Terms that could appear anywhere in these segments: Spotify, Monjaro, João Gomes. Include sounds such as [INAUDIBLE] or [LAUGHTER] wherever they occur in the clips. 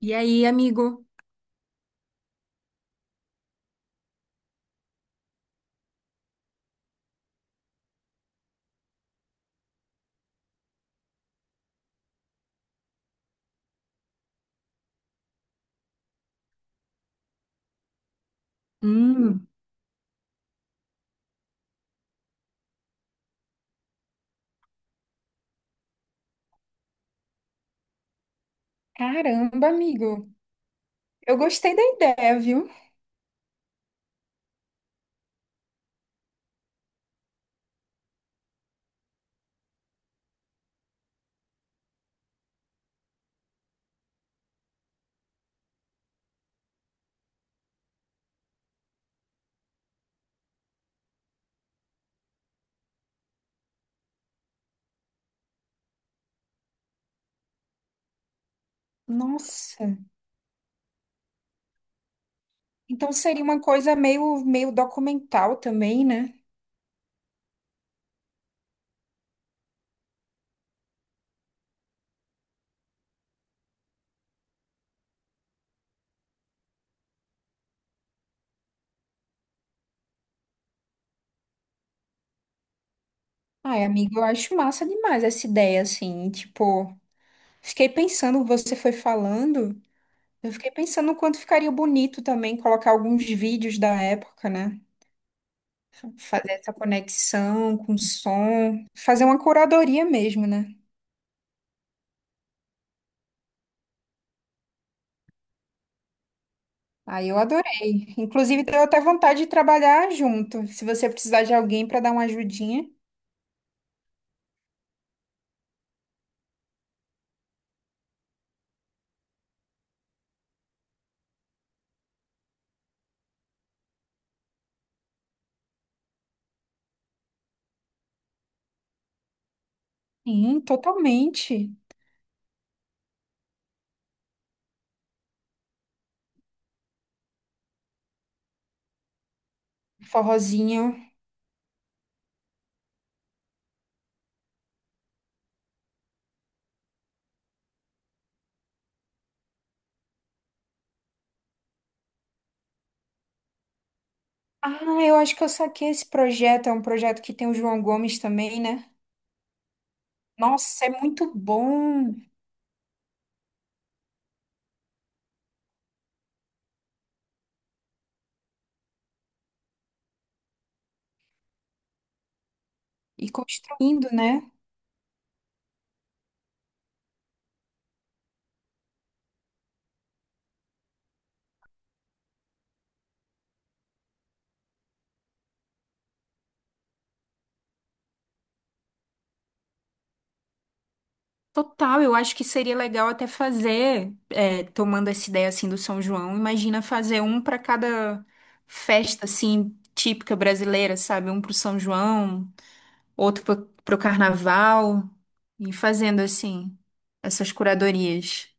E aí, amigo? Hum, caramba, amigo. Eu gostei da ideia, viu? Nossa. Então seria uma coisa meio documental também, né? Ai, amigo, eu acho massa demais essa ideia, assim. Tipo, fiquei pensando, você foi falando, eu fiquei pensando o quanto ficaria bonito também colocar alguns vídeos da época, né? Fazer essa conexão com o som, fazer uma curadoria mesmo, né? Aí eu adorei. Inclusive, deu até vontade de trabalhar junto. Se você precisar de alguém para dar uma ajudinha. Sim, totalmente. Forrozinho. Ah, eu acho que eu saquei esse projeto. É um projeto que tem o João Gomes também, né? Nossa, é muito bom. E construindo, né? Total, eu acho que seria legal até fazer, tomando essa ideia assim do São João, imagina fazer um para cada festa assim típica brasileira, sabe? Um pro São João, outro pro carnaval, e fazendo assim, essas curadorias.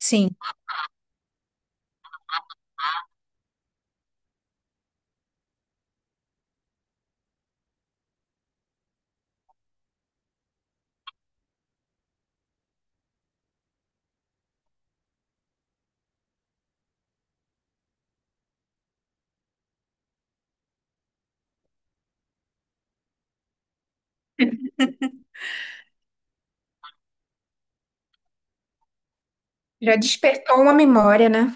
Sim. Já despertou uma memória, né?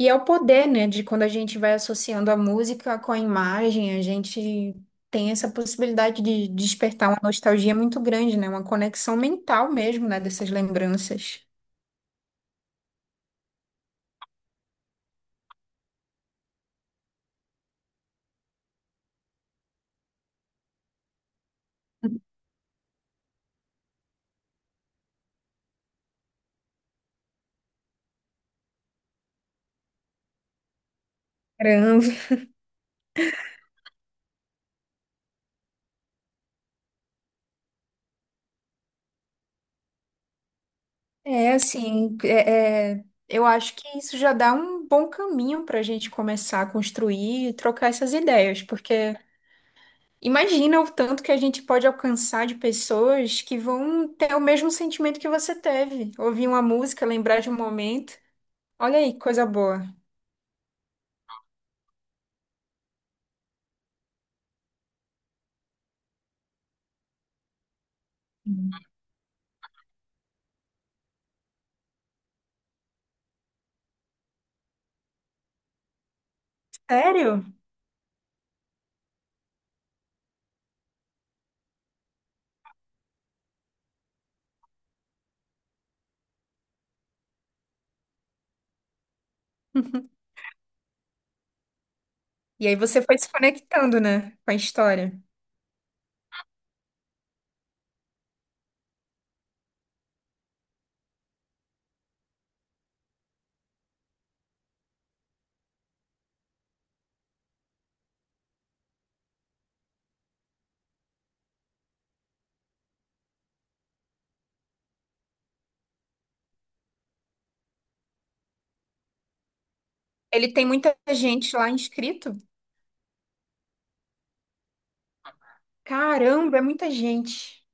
E é o poder, né, de quando a gente vai associando a música com a imagem, a gente tem essa possibilidade de despertar uma nostalgia muito grande, né? Uma conexão mental mesmo, né, dessas lembranças. Caramba. É assim, eu acho que isso já dá um bom caminho para a gente começar a construir e trocar essas ideias, porque imagina o tanto que a gente pode alcançar de pessoas que vão ter o mesmo sentimento que você teve. Ouvir uma música, lembrar de um momento. Olha aí, que coisa boa. Sério? [LAUGHS] E aí você foi se conectando, né, com a história. Ele tem muita gente lá inscrito? Caramba, é muita gente.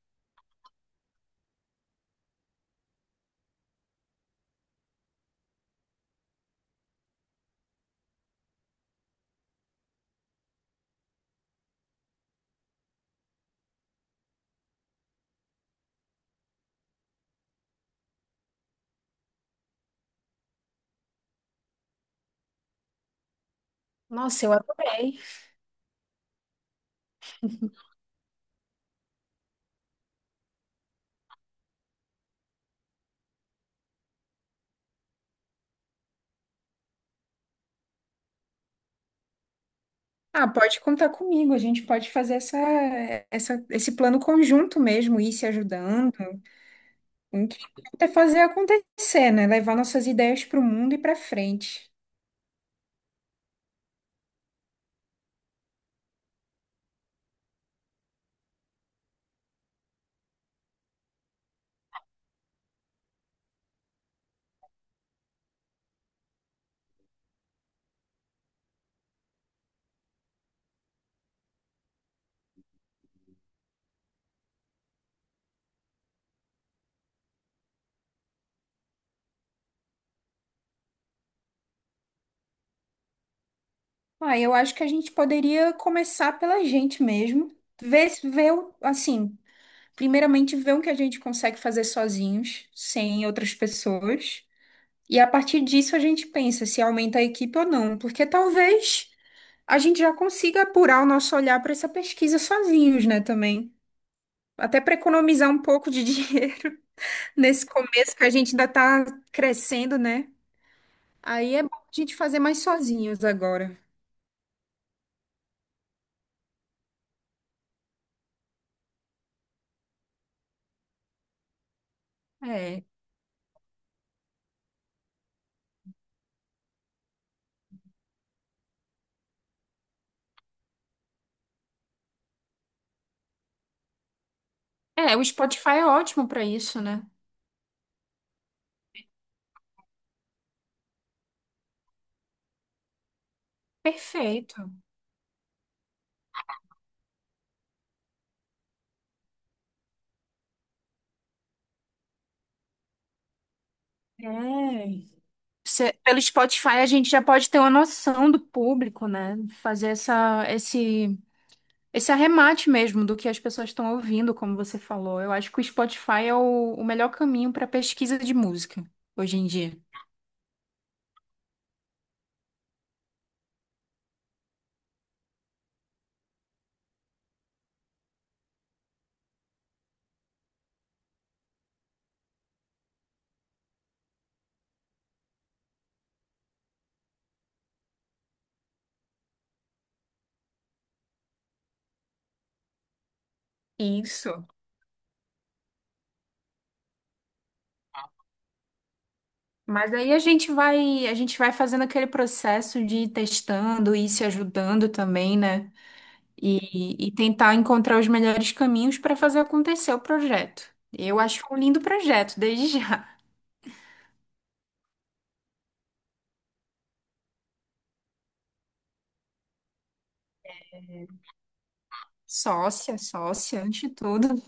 Nossa, eu adorei. Ah, pode contar comigo. A gente pode fazer esse plano conjunto mesmo, ir se ajudando. O que é fazer acontecer, né? Levar nossas ideias para o mundo e para frente. Ah, eu acho que a gente poderia começar pela gente mesmo. Ver, se- ver, o- Assim, primeiramente ver o que a gente consegue fazer sozinhos, sem outras pessoas. E a partir disso a gente pensa se aumenta a equipe ou não, porque talvez a gente já consiga apurar o nosso olhar para essa pesquisa sozinhos, né, também. Até para economizar um pouco de dinheiro [LAUGHS] nesse começo que a gente ainda está crescendo, né? Aí é bom a gente fazer mais sozinhos agora. É. É, o Spotify é ótimo para isso, né? Perfeito. É. Cê- pelo Spotify a gente já pode ter uma noção do público, né? Fazer esse arremate mesmo do que as pessoas estão ouvindo, como você falou. Eu acho que o Spotify é o melhor caminho para pesquisa de música hoje em dia. Isso. Mas aí a gente vai fazendo aquele processo de ir testando e se ajudando também, né? E tentar encontrar os melhores caminhos para fazer acontecer o projeto. Eu acho um lindo projeto, desde já. Sócia, sócia, antes de tudo.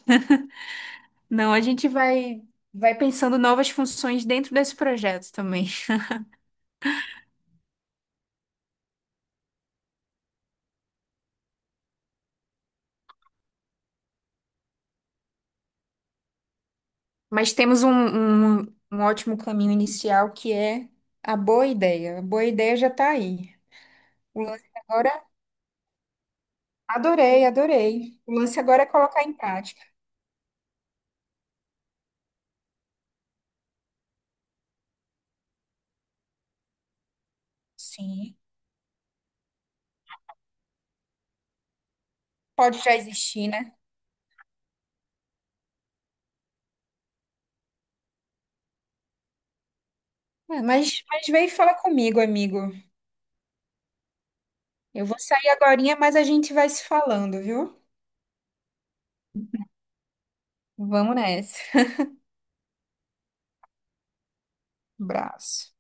Não, vai pensando novas funções dentro desse projeto também. [LAUGHS] Mas temos um ótimo caminho inicial que é a boa ideia. A boa ideia já está aí. O lance agora, adorei, adorei. O lance agora é colocar em prática. Sim, pode já existir, né? É, mas vem e fala comigo, amigo. Eu vou sair agorinha, mas a gente vai se falando, viu? Vamos nessa. [LAUGHS] Abraço.